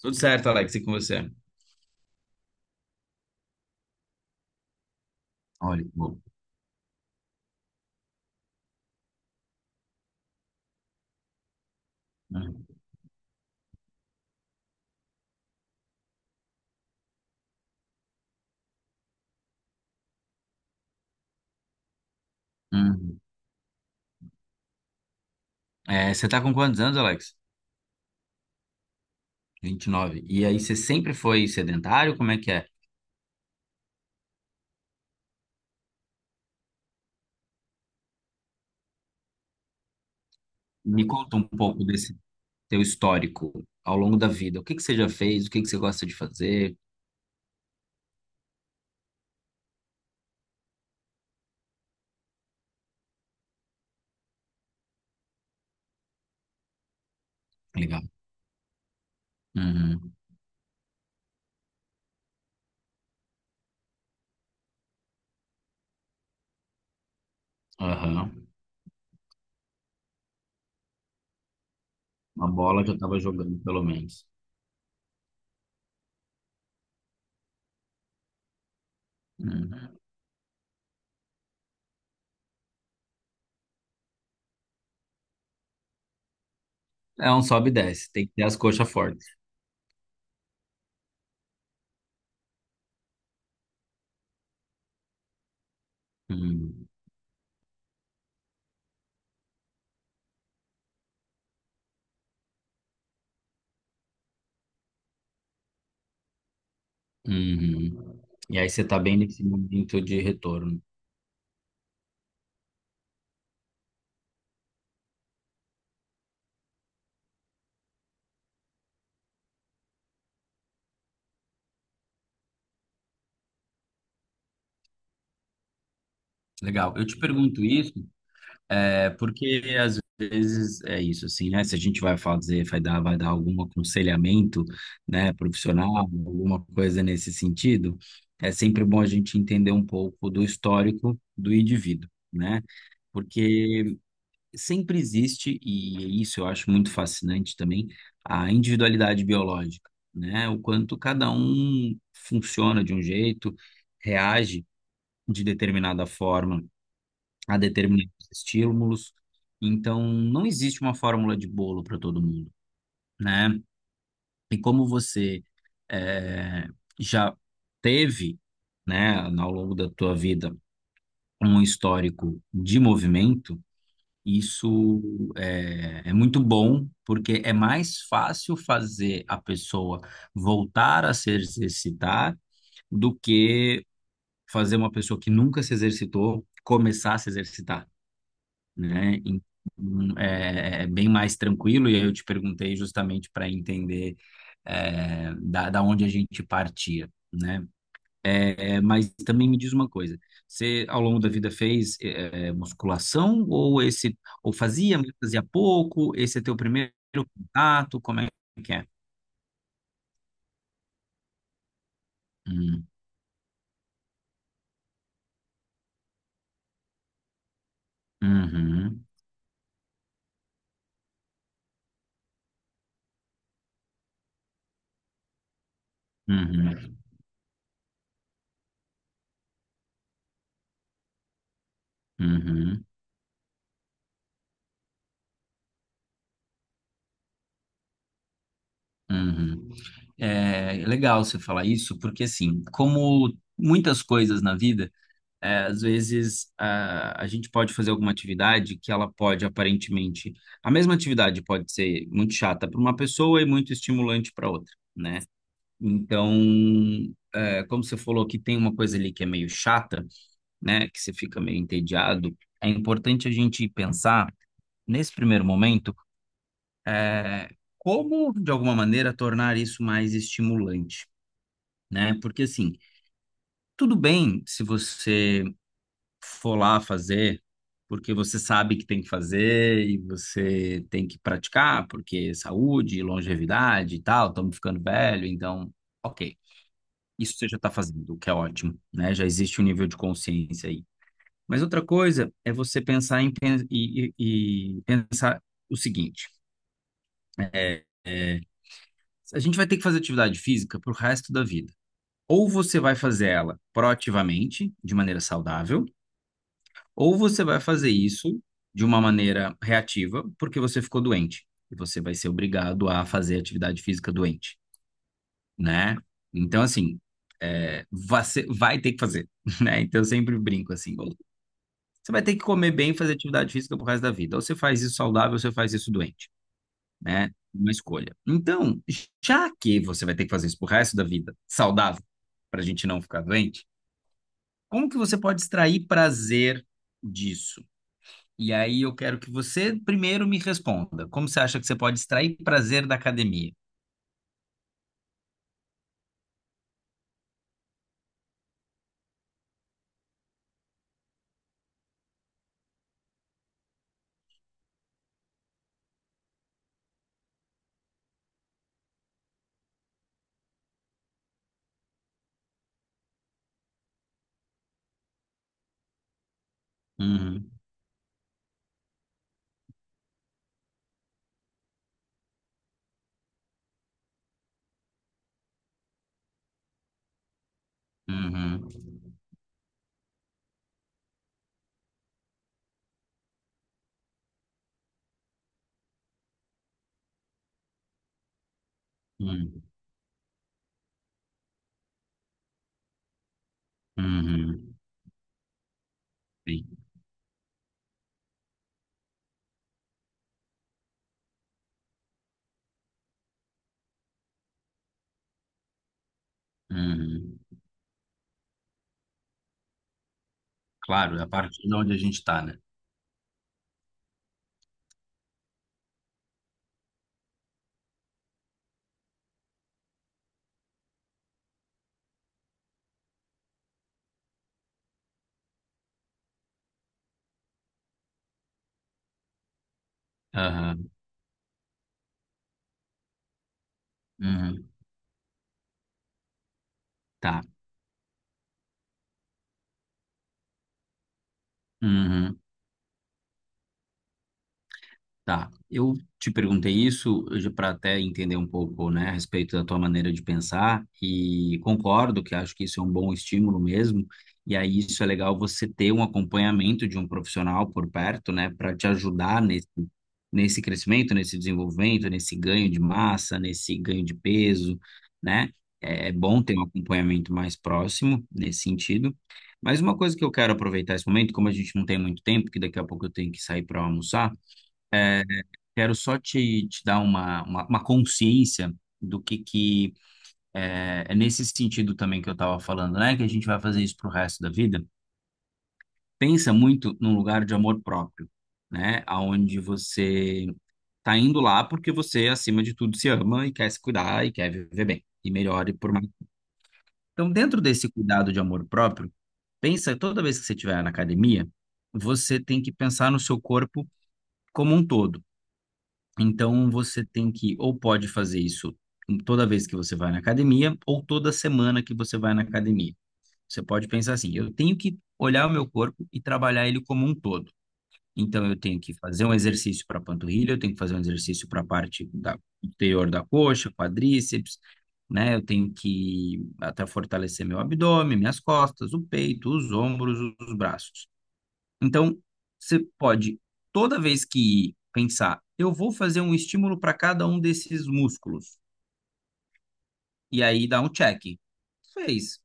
Tudo certo, Alex, e com você? Olha, bom. Uhum. Uhum. É, você tá com quantos anos, Alex? 29. E nove. E aí, você sempre foi sedentário? Como é que é? Me conta um pouco desse teu histórico ao longo da vida. O que que você já fez? O que que você gosta de fazer? Legal. Uhum. Aham. Uma bola já tava jogando, pelo menos. Uhum. É um sobe e desce. Tem que ter as coxas fortes. Uhum. Uhum. E aí, você tá bem nesse momento de retorno. Legal. Eu te pergunto isso. É porque às vezes é isso, assim, né? Se a gente vai fazer, vai dar algum aconselhamento, né, profissional, alguma coisa nesse sentido, é sempre bom a gente entender um pouco do histórico do indivíduo, né? Porque sempre existe, e isso eu acho muito fascinante também, a individualidade biológica, né? O quanto cada um funciona de um jeito, reage de determinada forma a determinados estímulos. Então, não existe uma fórmula de bolo para todo mundo, né? E como você eh, já teve, né, ao longo da tua vida, um histórico de movimento, isso é, é muito bom, porque é mais fácil fazer a pessoa voltar a se exercitar do que fazer uma pessoa que nunca se exercitou começar a se exercitar. Né? Então, é, é bem mais tranquilo, e aí eu te perguntei justamente para entender da onde a gente partia, né? É, é, mas também me diz uma coisa, você ao longo da vida fez musculação ou esse ou fazia, mas fazia pouco? Esse é teu primeiro contato? Como é que é? Hum, Uhum, uhum, uhum, uhum. É legal você falar isso, porque assim, como muitas coisas na vida. É, às vezes a gente pode fazer alguma atividade que ela pode aparentemente. A mesma atividade pode ser muito chata para uma pessoa e muito estimulante para outra, né? Então, é, como você falou que tem uma coisa ali que é meio chata, né? Que você fica meio entediado, é importante a gente pensar, nesse primeiro momento, é, como, de alguma maneira, tornar isso mais estimulante, né? Porque assim. Tudo bem se você for lá fazer, porque você sabe que tem que fazer e você tem que praticar, porque é saúde, longevidade e tal, estamos ficando velho, então, ok. Isso você já está fazendo, o que é ótimo, né? Já existe um nível de consciência aí. Mas outra coisa é você pensar em pensar o seguinte: é, a gente vai ter que fazer atividade física para o resto da vida. Ou você vai fazer ela proativamente, de maneira saudável, ou você vai fazer isso de uma maneira reativa, porque você ficou doente, e você vai ser obrigado a fazer atividade física doente, né? Então, assim, é, você vai ter que fazer, né? Então, eu sempre brinco assim, ou você vai ter que comer bem e fazer atividade física pro resto da vida. Ou você faz isso saudável, ou você faz isso doente, né? Uma escolha. Então, já que você vai ter que fazer isso pro resto da vida, saudável, para a gente não ficar doente, como que você pode extrair prazer disso? E aí eu quero que você primeiro me responda. Como você acha que você pode extrair prazer da academia? Uhum, uhum, uhum, uhum, sim, uhum. Claro, é a partir de onde a gente está, né? Aham, uhum, tá. Uhum. Tá, eu te perguntei isso para até entender um pouco, né, a respeito da tua maneira de pensar e concordo que acho que isso é um bom estímulo mesmo. E aí isso é legal você ter um acompanhamento de um profissional por perto, né, para te ajudar nesse crescimento, nesse desenvolvimento, nesse ganho de massa, nesse ganho de peso, né? É é bom ter um acompanhamento mais próximo nesse sentido. Mas uma coisa que eu quero aproveitar esse momento, como a gente não tem muito tempo, que daqui a pouco eu tenho que sair para almoçar é quero só te dar uma consciência que é, é nesse sentido também que eu estava falando, né? Que a gente vai fazer isso para o resto da vida. Pensa muito num lugar de amor próprio, né? Aonde você tá indo lá porque você, acima de tudo, se ama e quer se cuidar e quer viver bem e melhor e por mais. Então, dentro desse cuidado de amor próprio, pensa toda vez que você estiver na academia, você tem que pensar no seu corpo como um todo. Então você tem que ou pode fazer isso toda vez que você vai na academia ou toda semana que você vai na academia. Você pode pensar assim, eu tenho que olhar o meu corpo e trabalhar ele como um todo. Então eu tenho que fazer um exercício para a panturrilha, eu tenho que fazer um exercício para a parte da interior da coxa, quadríceps, né? Eu tenho que até fortalecer meu abdômen, minhas costas, o peito, os ombros, os braços. Então, você pode, toda vez que pensar, eu vou fazer um estímulo para cada um desses músculos, e aí dá um check. Fez.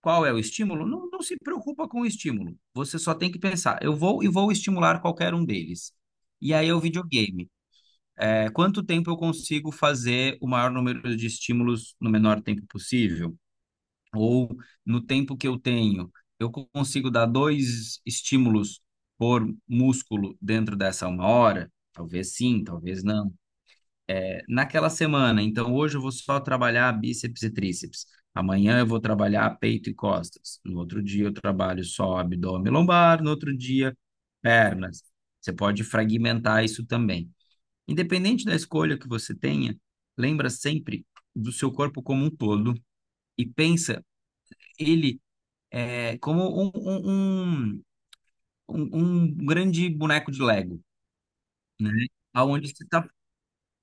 Qual é o estímulo? Não, não se preocupa com o estímulo. Você só tem que pensar, eu vou e vou estimular qualquer um deles. E aí é o videogame. É, quanto tempo eu consigo fazer o maior número de estímulos no menor tempo possível? Ou no tempo que eu tenho, eu consigo dar dois estímulos por músculo dentro dessa uma hora? Talvez sim, talvez não. É, naquela semana, então hoje eu vou só trabalhar bíceps e tríceps. Amanhã eu vou trabalhar peito e costas. No outro dia eu trabalho só abdômen e lombar, no outro dia pernas. Você pode fragmentar isso também. Independente da escolha que você tenha, lembra sempre do seu corpo como um todo e pensa ele é, como um, um um grande boneco de Lego, né? Aonde você tá...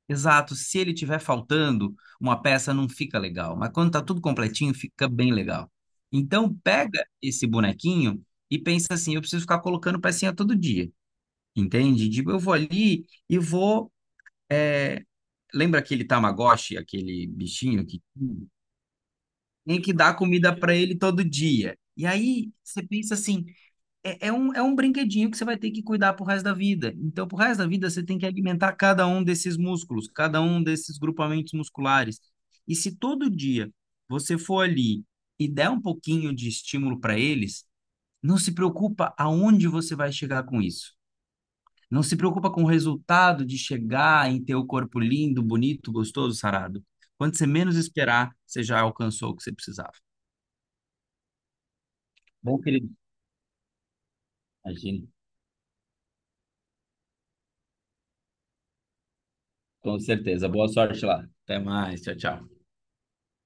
Exato, se ele tiver faltando, uma peça não fica legal, mas quando tá tudo completinho, fica bem legal. Então, pega esse bonequinho e pensa assim, eu preciso ficar colocando pecinha todo dia, entende? Tipo, eu vou ali e vou... é, lembra aquele Tamagotchi, aquele bichinho que tem que dar comida para ele todo dia? E aí, você pensa assim, é é um brinquedinho que você vai ter que cuidar pro resto da vida. Então, pro resto da vida, você tem que alimentar cada um desses músculos, cada um desses grupamentos musculares. E se todo dia você for ali e der um pouquinho de estímulo para eles, não se preocupa aonde você vai chegar com isso. Não se preocupa com o resultado de chegar em ter o corpo lindo, bonito, gostoso, sarado. Quando você menos esperar, você já alcançou o que você precisava. Bom, querido, imagino. Com certeza. Boa sorte lá. Até mais. Tchau, tchau.